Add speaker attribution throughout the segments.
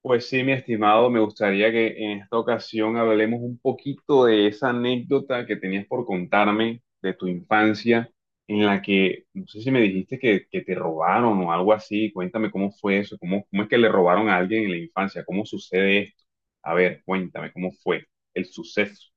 Speaker 1: Pues sí, mi estimado, me gustaría que en esta ocasión hablemos un poquito de esa anécdota que tenías por contarme de tu infancia, en la que, no sé si me dijiste que, te robaron o algo así. Cuéntame cómo fue eso, cómo, cómo es que le robaron a alguien en la infancia, cómo sucede esto. A ver, cuéntame cómo fue el suceso.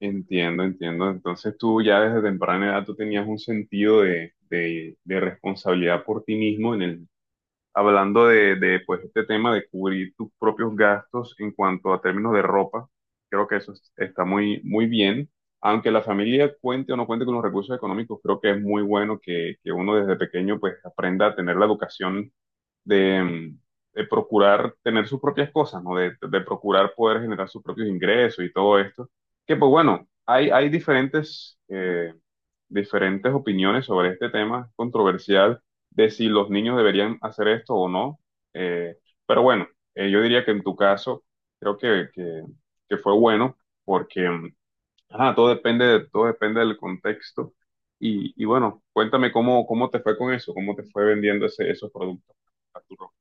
Speaker 1: Entiendo, entiendo. Entonces tú ya desde temprana edad tú tenías un sentido de responsabilidad por ti mismo en el hablando de pues, este tema de cubrir tus propios gastos en cuanto a términos de ropa. Creo que está muy, muy bien. Aunque la familia cuente o no cuente con los recursos económicos, creo que es muy bueno que uno desde pequeño pues aprenda a tener la educación de, de procurar tener sus propias cosas, ¿no? De procurar poder generar sus propios ingresos y todo esto. Que pues bueno, hay diferentes, diferentes opiniones sobre este tema controversial de si los niños deberían hacer esto o no. Eh, pero bueno, yo diría que en tu caso, creo que fue bueno, porque ajá, todo depende, todo depende del contexto. Y bueno, cuéntame cómo, cómo te fue con eso, cómo te fue vendiendo esos productos, Arturo.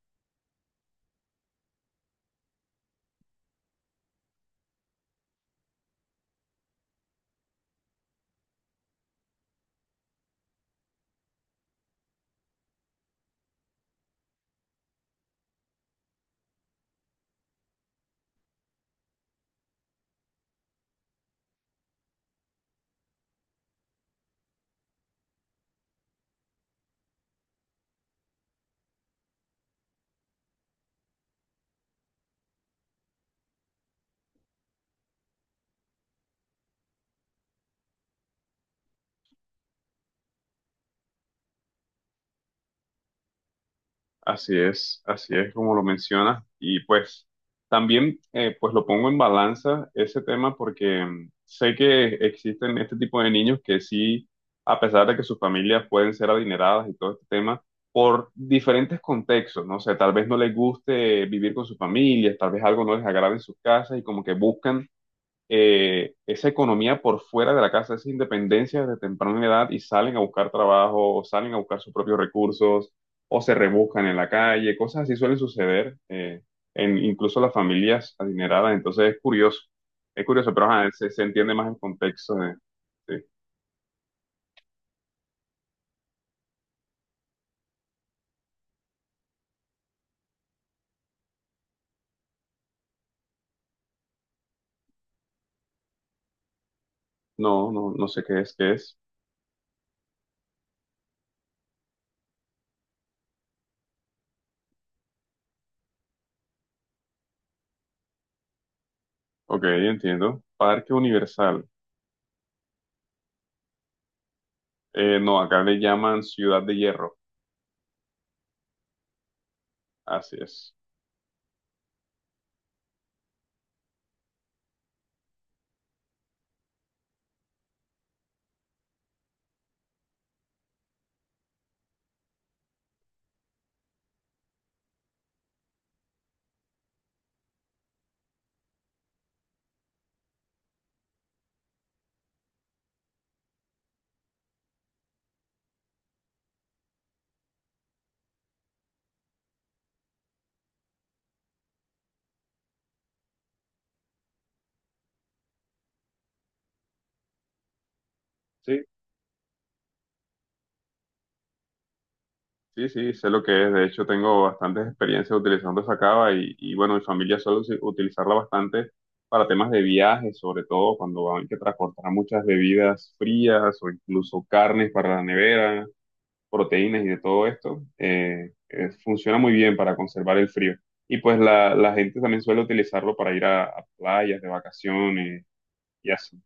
Speaker 1: Así es como lo mencionas. Y pues también pues lo pongo en balanza ese tema porque sé que existen este tipo de niños que sí, a pesar de que sus familias pueden ser adineradas y todo este tema, por diferentes contextos, no sé, tal vez no les guste vivir con sus familias, tal vez algo no les agrade en sus casas y como que buscan esa economía por fuera de la casa, esa independencia desde temprana edad y salen a buscar trabajo o salen a buscar sus propios recursos o se rebuscan en la calle, cosas así suelen suceder en incluso las familias adineradas, entonces es curioso, pero ajá, se entiende más el contexto de, de- no, no, no sé qué es, ok, entiendo, Parque Universal. No, acá le llaman Ciudad de Hierro, así es. Sí. Sí, sí, sé lo que es. De hecho, tengo bastantes experiencias utilizando esa cava y, bueno, mi familia suele utilizarla bastante para temas de viaje, sobre todo cuando hay que transportar muchas bebidas frías o incluso carnes para la nevera, proteínas y de todo esto. Funciona muy bien para conservar el frío. Y pues la gente también suele utilizarlo para ir a playas de vacaciones y así.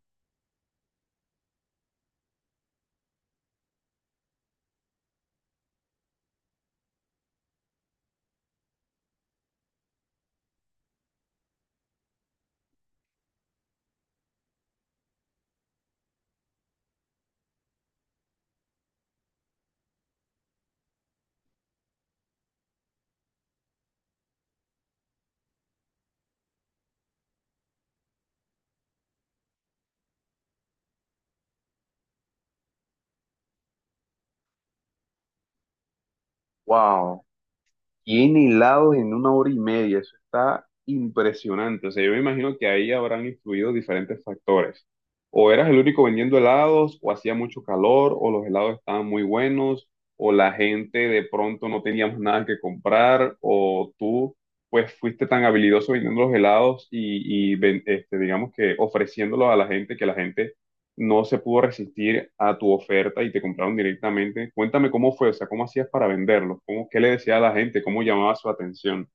Speaker 1: Wow. 100 helados en una hora y media, eso está impresionante. O sea, yo me imagino que ahí habrán influido diferentes factores. O eras el único vendiendo helados, o hacía mucho calor, o los helados estaban muy buenos, o la gente de pronto no teníamos nada que comprar, o tú pues fuiste tan habilidoso vendiendo los helados y, digamos que ofreciéndolos a la gente, que la gente no se pudo resistir a tu oferta y te compraron directamente. Cuéntame cómo fue, o sea, cómo hacías para venderlos, cómo, qué le decía a la gente, cómo llamaba su atención.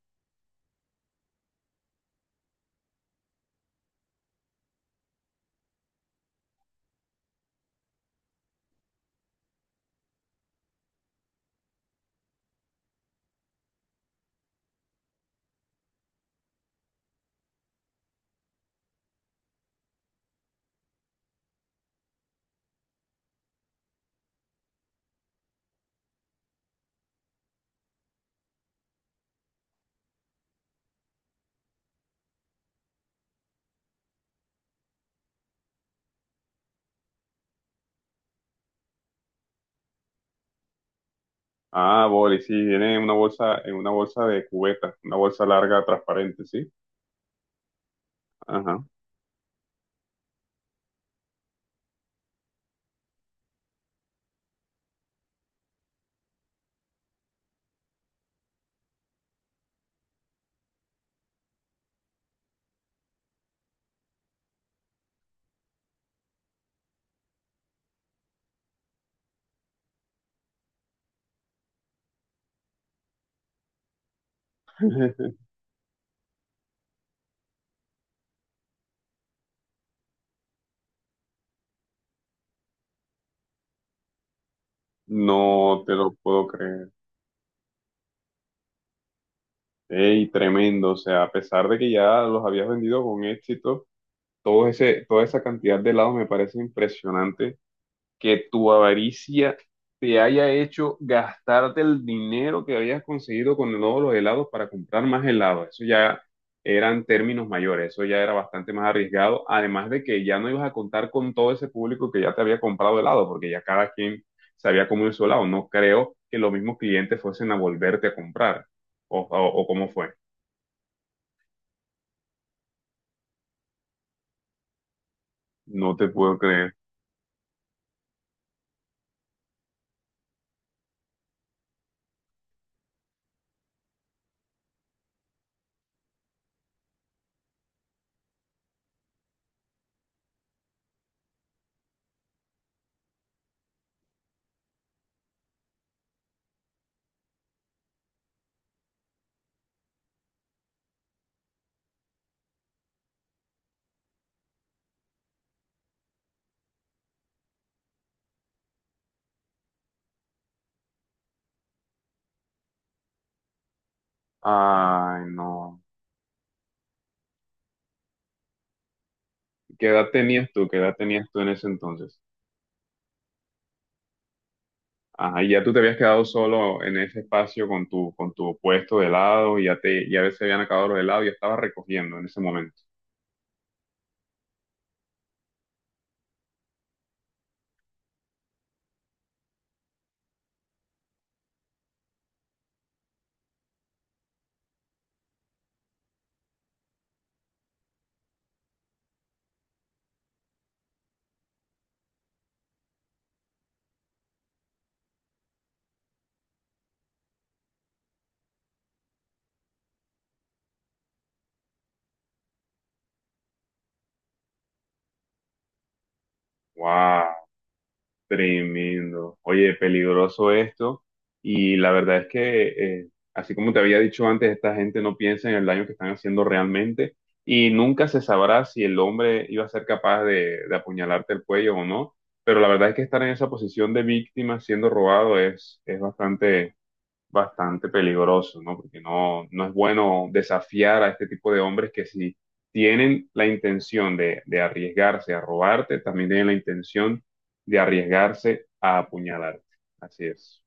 Speaker 1: Ah, boli, sí, viene en una bolsa de cubeta, una bolsa larga, transparente, sí. Ajá. No te lo puedo creer. Ey, tremendo, o sea, a pesar de que ya los habías vendido con éxito, todo ese, toda esa cantidad de helados me parece impresionante, que tu avaricia te haya hecho gastarte el dinero que habías conseguido con todos los helados para comprar más helados. Eso ya eran términos mayores, eso ya era bastante más arriesgado, además de que ya no ibas a contar con todo ese público que ya te había comprado helado, porque ya cada quien sabía cómo ir su helado. No creo que los mismos clientes fuesen a volverte a comprar, o cómo fue. No te puedo creer. Ay, no. ¿Qué edad tenías tú? ¿Qué edad tenías tú en ese entonces? Ajá, y ya tú te habías quedado solo en ese espacio con tu puesto de helado, y ya te, ya se habían acabado los helados y estabas recogiendo en ese momento. ¡Wow! Tremendo. Oye, peligroso esto. Y la verdad es que, eh, así como te había dicho antes, esta gente no piensa en el daño que están haciendo realmente. Y nunca se sabrá si el hombre iba a ser capaz de apuñalarte el cuello o no. Pero la verdad es que estar en esa posición de víctima siendo robado es bastante bastante peligroso, ¿no? Porque no, no es bueno desafiar a este tipo de hombres que si tienen la intención de arriesgarse a robarte, también tienen la intención de arriesgarse a apuñalarte. Así es.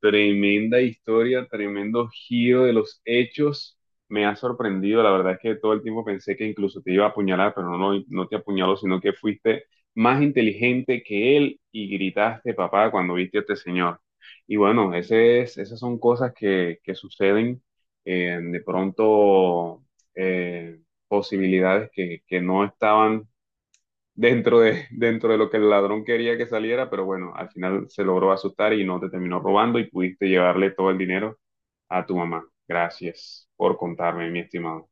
Speaker 1: Tremenda historia, tremendo giro de los hechos. Me ha sorprendido, la verdad es que todo el tiempo pensé que incluso te iba a apuñalar, pero no, no te apuñaló, sino que fuiste más inteligente que él y gritaste papá cuando viste a este señor. Y bueno, esas son cosas que suceden, de pronto eh, posibilidades que no estaban dentro de lo que el ladrón quería que saliera, pero bueno, al final se logró asustar y no te terminó robando y pudiste llevarle todo el dinero a tu mamá. Gracias por contarme, mi estimado.